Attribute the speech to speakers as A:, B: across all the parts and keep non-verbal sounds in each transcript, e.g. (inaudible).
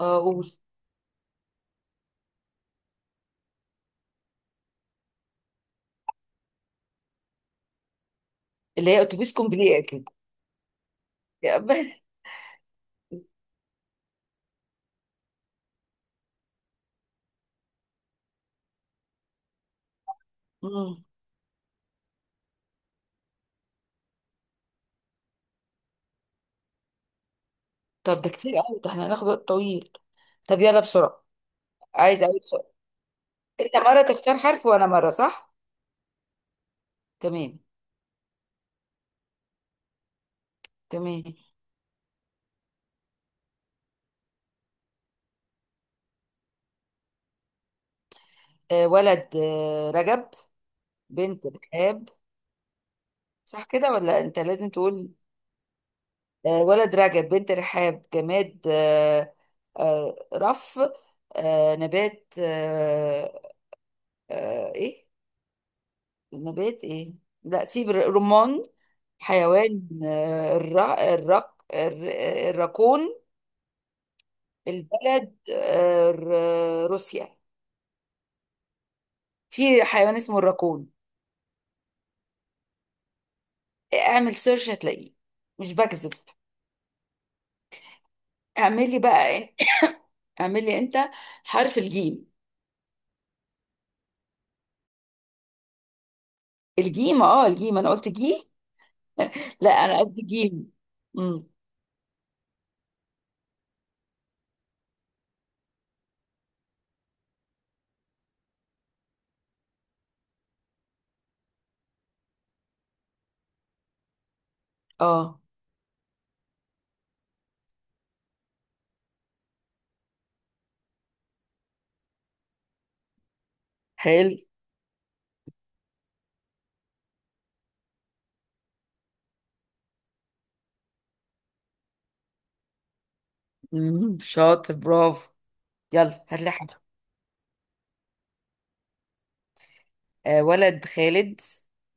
A: اه قول. اللي هي اتوبيس كومبلي اكيد. يا أبا. مم. طب ده كتير قوي، ده احنا هناخد وقت طويل. طب يلا بسرعه. عايز اقول سؤال. انت مره تختار حرف وانا مره، صح؟ تمام. تمام. ولد، رجب، بنت رحاب. صح كده ولا انت لازم تقول؟ ولد رجب، بنت رحاب، جماد، رف. نبات، ايه نبات ايه. لا سيب، رمان. حيوان، الراكون. البلد، روسيا. في حيوان اسمه الراكون. اعمل سيرش هتلاقيه. مش بكذب. اعملي بقى. (laughs) اعملي انت. حرف الجيم. الجيم، اه الجيم، انا قلت جي. لا، انا قصدي جيم. امم. اه. حلو. امم، شاطر، برافو. يلا هات لي حاجة. ولد خالد،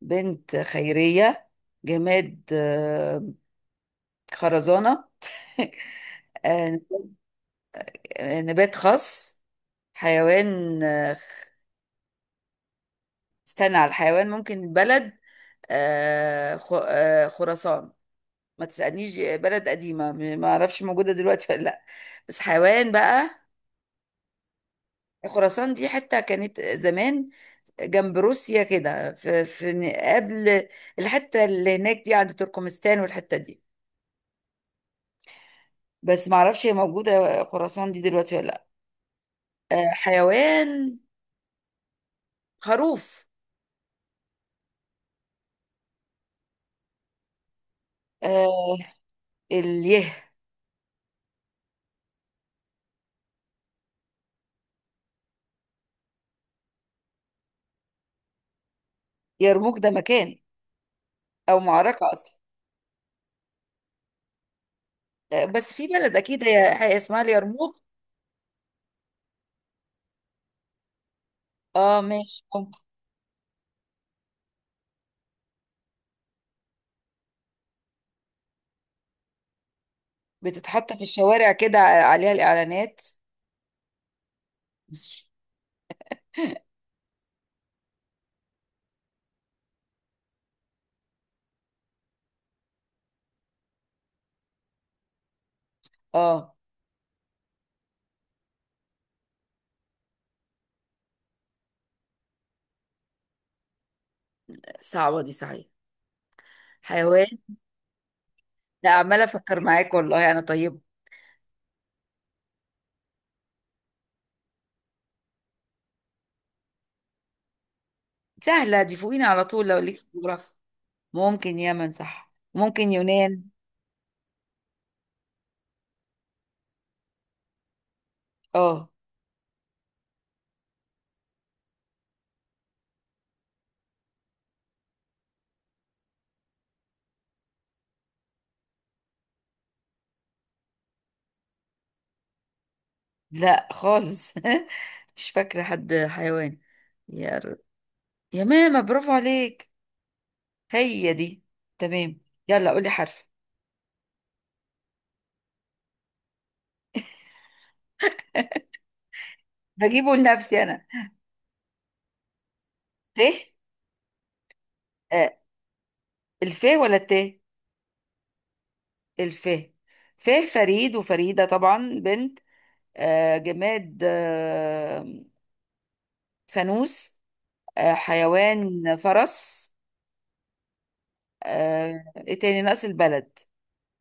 A: بنت خيرية، جماد، خرزانة. (laughs) آه، نبات خاص. حيوان، استنى على الحيوان، ممكن بلد، خراسان. ما تسألنيش، بلد قديمة، ما أعرفش موجودة دلوقتي ولا لأ. بس حيوان بقى. خراسان دي حتة كانت زمان، جنب روسيا كده، في قبل. الحتة اللي هناك دي عند تركمستان، والحتة دي. بس ما اعرفش هي موجوده خراسان دي دلوقتي ولا لا. حيوان خروف. آه اليه. يرموك ده مكان، او معركه اصلا. بس في بلد اكيد هي هي اسمها اليرموك. اه ماشي، ممكن. بتتحط في الشوارع كده عليها الاعلانات. اه. صعبه دي صحيح. حيوان. لا عماله افكر معاك والله، انا طيبه. سهله دي، فوقينا على طول لو ليك جغرافيا. ممكن يمن، صح؟ ممكن يونان. اه. لا خالص. (laughs) مش فاكرة حد حيوان. يا ر... يا ماما، برافو عليك. هي دي. تمام. يلا قولي حرف. هجيبه لنفسي انا. ت. آه. الف ولا الت؟ الف. ف فريد وفريدة، طبعا بنت. جماد، فانوس. حيوان فرس. ايه تاني، ناقص البلد.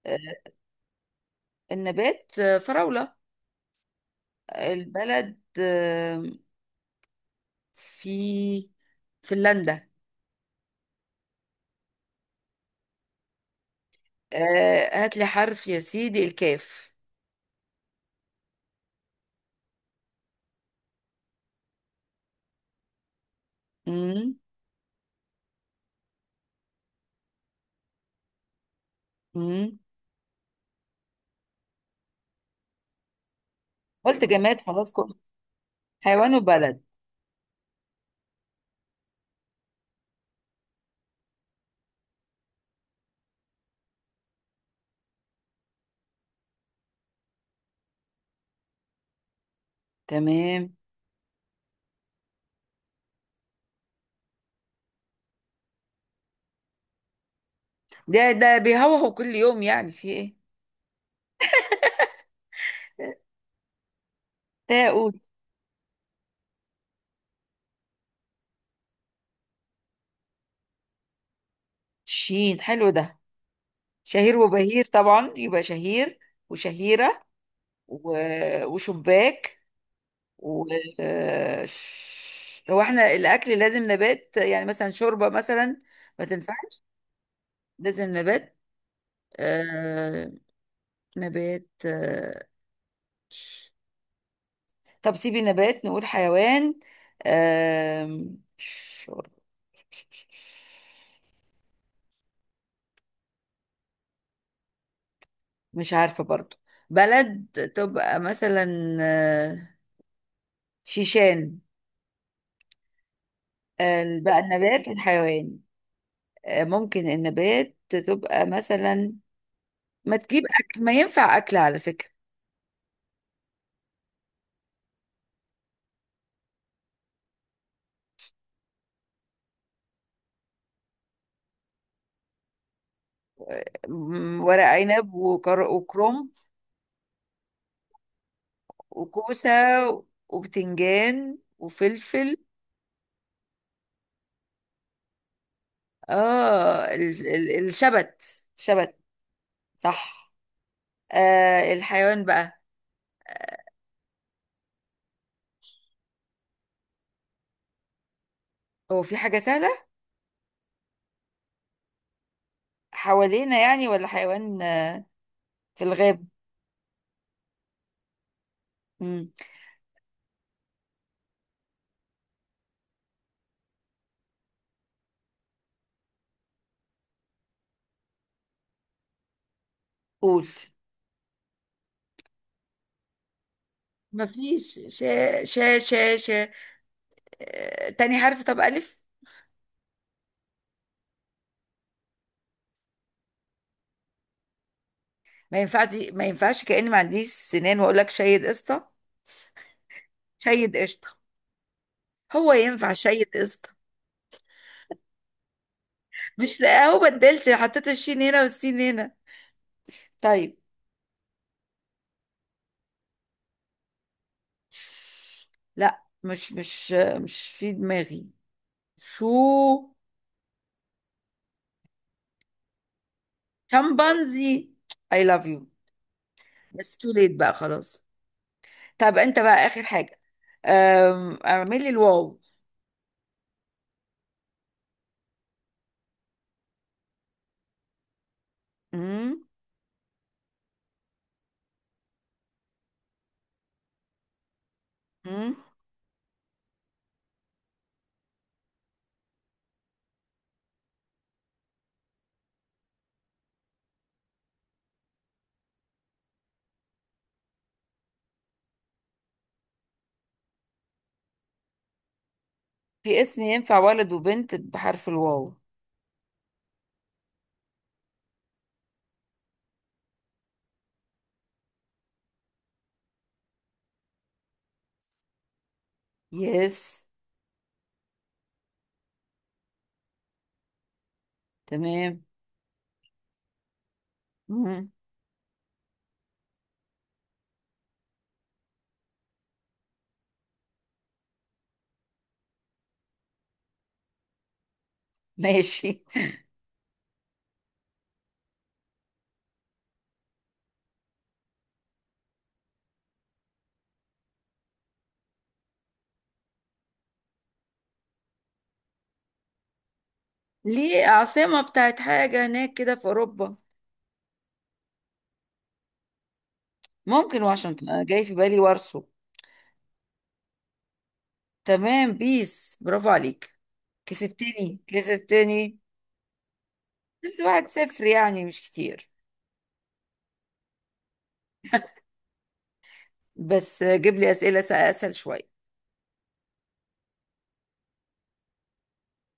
A: آه النبات، فراولة. البلد، في، فنلندا. هات لي حرف يا سيدي، الكاف. مم. مم. قلت جماد، خلاص كنت. حيوان وبلد. تمام. ده بيهوهو كل يوم، يعني في ايه؟ تاؤد. شين حلو ده. شهير وبهير، طبعا يبقى شهير وشهيرة. وشباك، و. هو احنا الاكل لازم نبات، يعني مثلا شوربة مثلا؟ ما تنفعش. لازم نبات. آه... نبات، آه. طب سيبي نبات، نقول حيوان. آم، شر- مش عارفة برضو. بلد تبقى مثلا، شيشان. بقى النبات والحيوان. ممكن النبات تبقى مثلا، ما تجيب أكل، ما ينفع أكل على فكرة. ورق عنب، وكرنب وكوسة وبتنجان وفلفل. اه، الشبت، شبت. صح. الحيوان بقى. هو في حاجة سهلة، حوالينا يعني، ولا حيوان في الغاب؟ مم. قول. مفيش شا شا شا شا. تاني حرف طب، ألف. ما ينفعش، ما ينفعش، كأني ما عنديش سنان وأقول لك شيد قشطة. شيد قشطة. هو ينفع شيد قشطة؟ مش لاقيه، هو بدلت حطيت الشين هنا والسين هنا. طيب. لا مش في دماغي. شو. شمبانزي. I love you. بس تو ليت بقى، خلاص. طب انت بقى اخر حاجه. اعملي الواو. امم. امم. في اسم ينفع ولد وبنت بحرف الواو؟ يس. تمام. امم. ماشي. (laughs) ليه؟ عاصمه بتاعت حاجه هناك كده في اوروبا. ممكن واشنطن، انا جاي في بالي وارسو. تمام، بيس، برافو عليك. كسبتني كسبتني. بس 1-0 يعني مش كتير. بس جيب لي اسئله اسهل شويه.